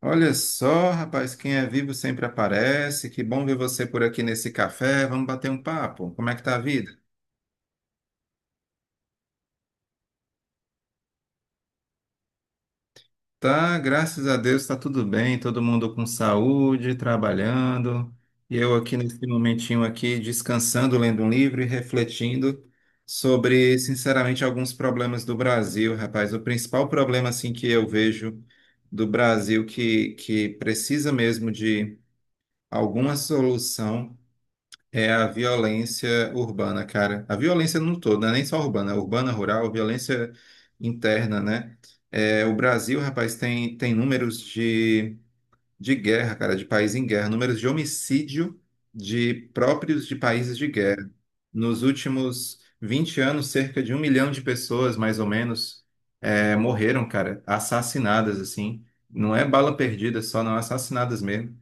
Olha só, rapaz, quem é vivo sempre aparece. Que bom ver você por aqui nesse café. Vamos bater um papo. Como é que tá a vida? Tá, graças a Deus, tá tudo bem, todo mundo com saúde, trabalhando. E eu aqui nesse momentinho aqui descansando, lendo um livro e refletindo sobre, sinceramente, alguns problemas do Brasil, rapaz. O principal problema assim que eu vejo do Brasil que precisa mesmo de alguma solução é a violência urbana, cara. A violência no todo, não é nem só urbana, é urbana, rural, violência interna, né? É, o Brasil, rapaz, tem números de guerra, cara, de país em guerra, números de homicídio de próprios de países de guerra. Nos últimos 20 anos, cerca de 1 milhão de pessoas, mais ou menos, morreram, cara, assassinadas, assim. Não é bala perdida só, não, assassinadas mesmo.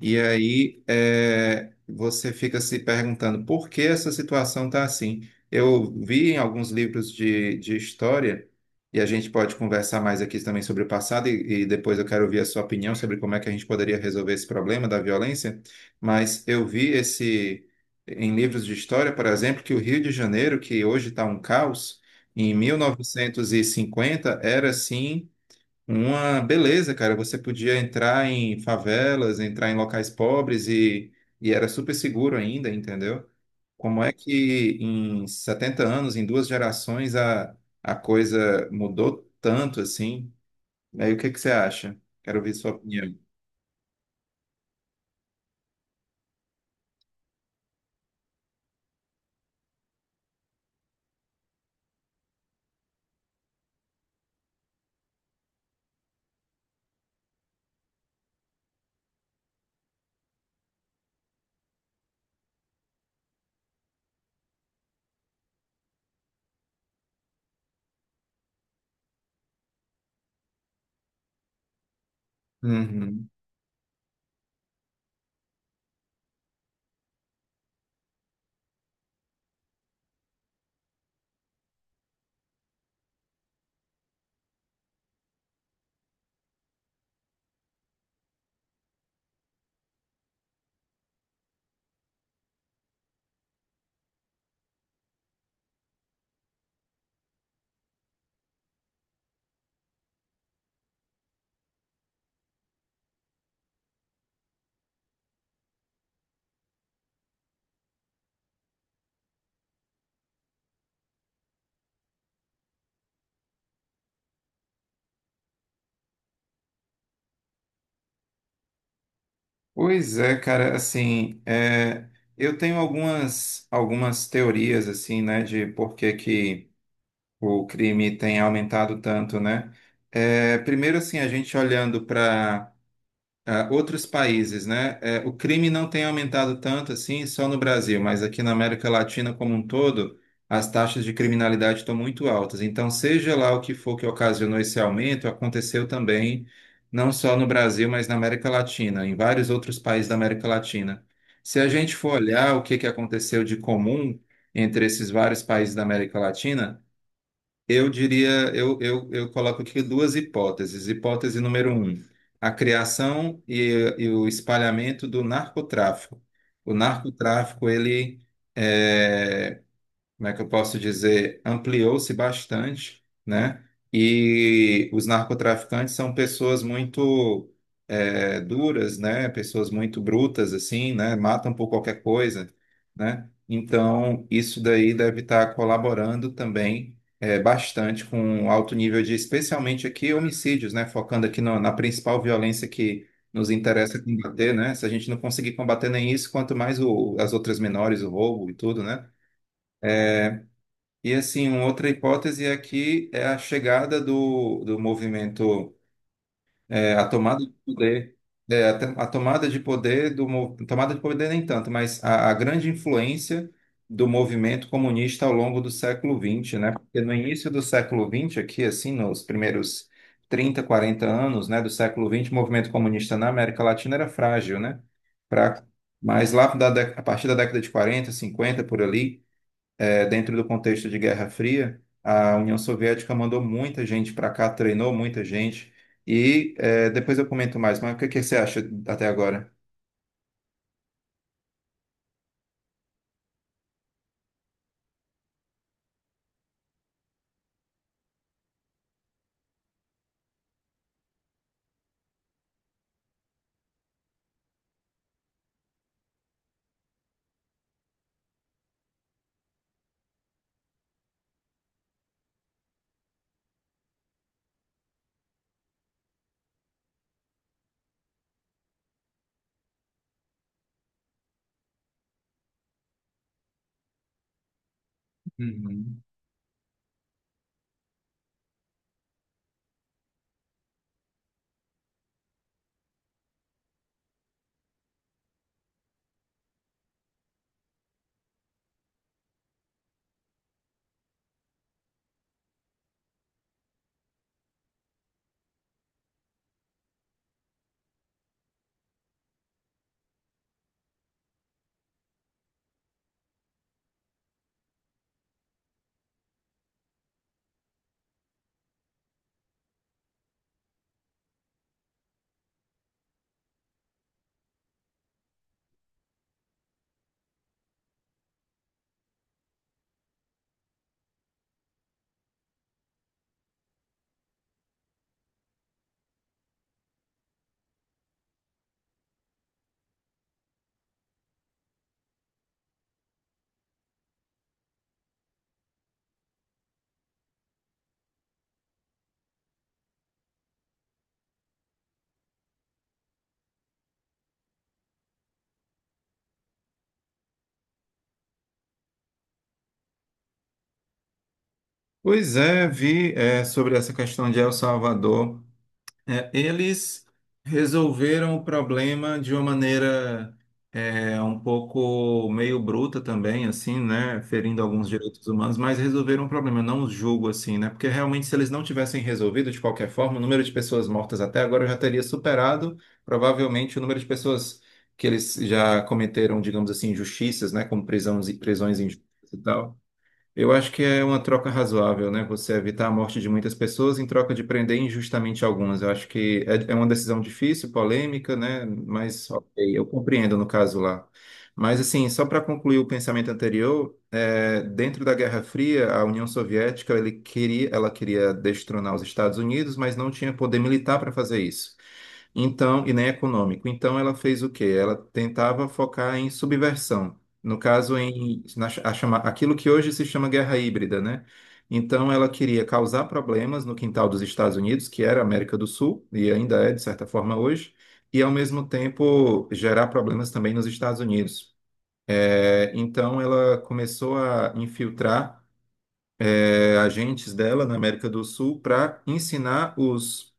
E aí você fica se perguntando por que essa situação está assim. Eu vi em alguns livros de história, e a gente pode conversar mais aqui também sobre o passado, e depois eu quero ouvir a sua opinião sobre como é que a gente poderia resolver esse problema da violência, mas eu vi esse em livros de história, por exemplo, que o Rio de Janeiro, que hoje está um caos, em 1950 era assim uma beleza, cara. Você podia entrar em favelas, entrar em locais pobres e era super seguro ainda, entendeu? Como é que em 70 anos, em duas gerações, a coisa mudou tanto assim? Aí o que que você acha? Quero ouvir sua opinião. Uhum. Pois é, cara, assim, eu tenho algumas teorias, assim, né, de por que que o crime tem aumentado tanto, né? É, primeiro, assim, a gente olhando para outros países, né? É, o crime não tem aumentado tanto assim só no Brasil, mas aqui na América Latina como um todo, as taxas de criminalidade estão muito altas. Então, seja lá o que for que ocasionou esse aumento, aconteceu também não só no Brasil, mas na América Latina, em vários outros países da América Latina. Se a gente for olhar o que que aconteceu de comum entre esses vários países da América Latina eu diria, eu coloco aqui duas hipóteses. Hipótese número um, a criação e o espalhamento do narcotráfico. O narcotráfico, ele, eh, como é que eu posso dizer, ampliou-se bastante, né? E os narcotraficantes são pessoas muito duras, né? Pessoas muito brutas, assim, né? Matam por qualquer coisa, né? Então, isso daí deve estar colaborando também bastante com o alto nível de, especialmente aqui, homicídios, né? Focando aqui na principal violência que nos interessa combater, né? Se a gente não conseguir combater nem isso, quanto mais as outras menores, o roubo e tudo, né? E assim, uma outra hipótese aqui é a chegada do movimento, a tomada de poder, a tomada de poder tomada de poder nem tanto, mas a grande influência do movimento comunista ao longo do século XX, né? Porque no início do século XX, aqui assim, nos primeiros 30, 40 anos, né, do século XX, o movimento comunista na América Latina era frágil, né? Fraco. Mas lá a partir da década de 40, 50 por ali dentro do contexto de Guerra Fria, a União Soviética mandou muita gente para cá, treinou muita gente. E depois eu comento mais, mas o que que você acha até agora? Uhum. Pois é, vi sobre essa questão de El Salvador. É, eles resolveram o problema de uma maneira um pouco meio bruta também, assim, né? Ferindo alguns direitos humanos, mas resolveram o problema. Eu não os julgo assim, né? Porque realmente, se eles não tivessem resolvido de qualquer forma, o número de pessoas mortas até agora já teria superado, provavelmente, o número de pessoas que eles já cometeram, digamos assim, injustiças, né? Como prisões, prisões injustas e tal. Eu acho que é uma troca razoável, né? Você evitar a morte de muitas pessoas em troca de prender injustamente algumas. Eu acho que é uma decisão difícil, polêmica, né? Mas ok, eu compreendo no caso lá. Mas assim, só para concluir o pensamento anterior, dentro da Guerra Fria, a União Soviética ele queria, ela queria destronar os Estados Unidos, mas não tinha poder militar para fazer isso. Então, e nem econômico. Então, ela fez o quê? Ela tentava focar em subversão. No caso, aquilo que hoje se chama guerra híbrida, né? Então, ela queria causar problemas no quintal dos Estados Unidos, que era a América do Sul, e ainda é, de certa forma, hoje, e, ao mesmo tempo, gerar problemas também nos Estados Unidos. É, então, ela começou a infiltrar, agentes dela na América do Sul para ensinar os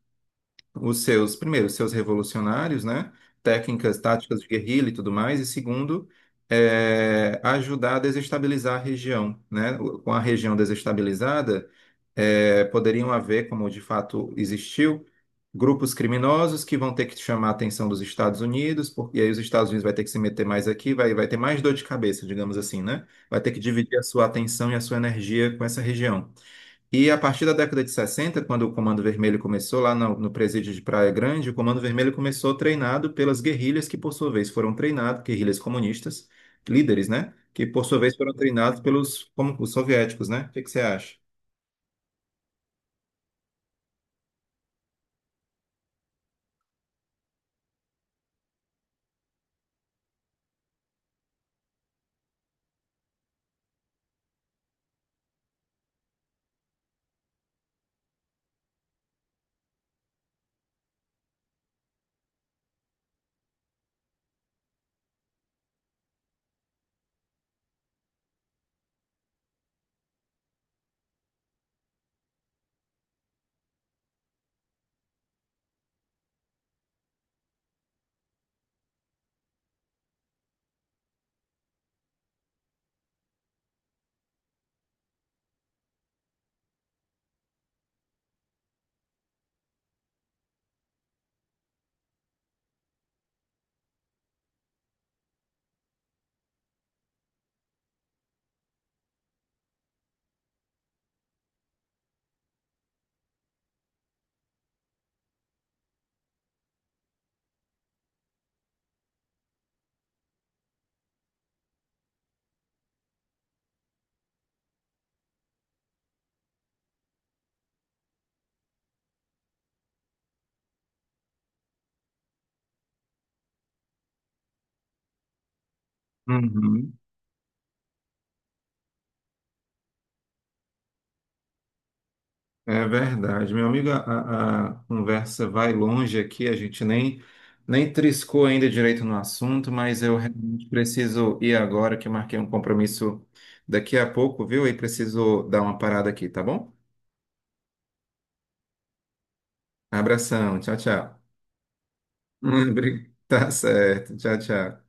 os seus, primeiro, os seus revolucionários, né? Técnicas, táticas de guerrilha e tudo mais, e segundo, ajudar a desestabilizar a região, né? Com a região desestabilizada, poderiam haver, como de fato existiu, grupos criminosos que vão ter que chamar a atenção dos Estados Unidos, porque aí os Estados Unidos vai ter que se meter mais aqui, vai ter mais dor de cabeça, digamos assim, né? Vai ter que dividir a sua atenção e a sua energia com essa região. E a partir da década de 60, quando o Comando Vermelho começou lá no presídio de Praia Grande, o Comando Vermelho começou treinado pelas guerrilhas que, por sua vez, foram treinados, guerrilhas comunistas, líderes, né? Que, por sua vez, foram treinados pelos como, os soviéticos, né? O que que você acha? Uhum. É verdade, meu amigo, a conversa vai longe aqui, a gente nem triscou ainda direito no assunto, mas eu realmente preciso ir agora, que eu marquei um compromisso daqui a pouco, viu? E preciso dar uma parada aqui, tá bom? Abração. Tchau, tchau. Tá certo. Tchau, tchau.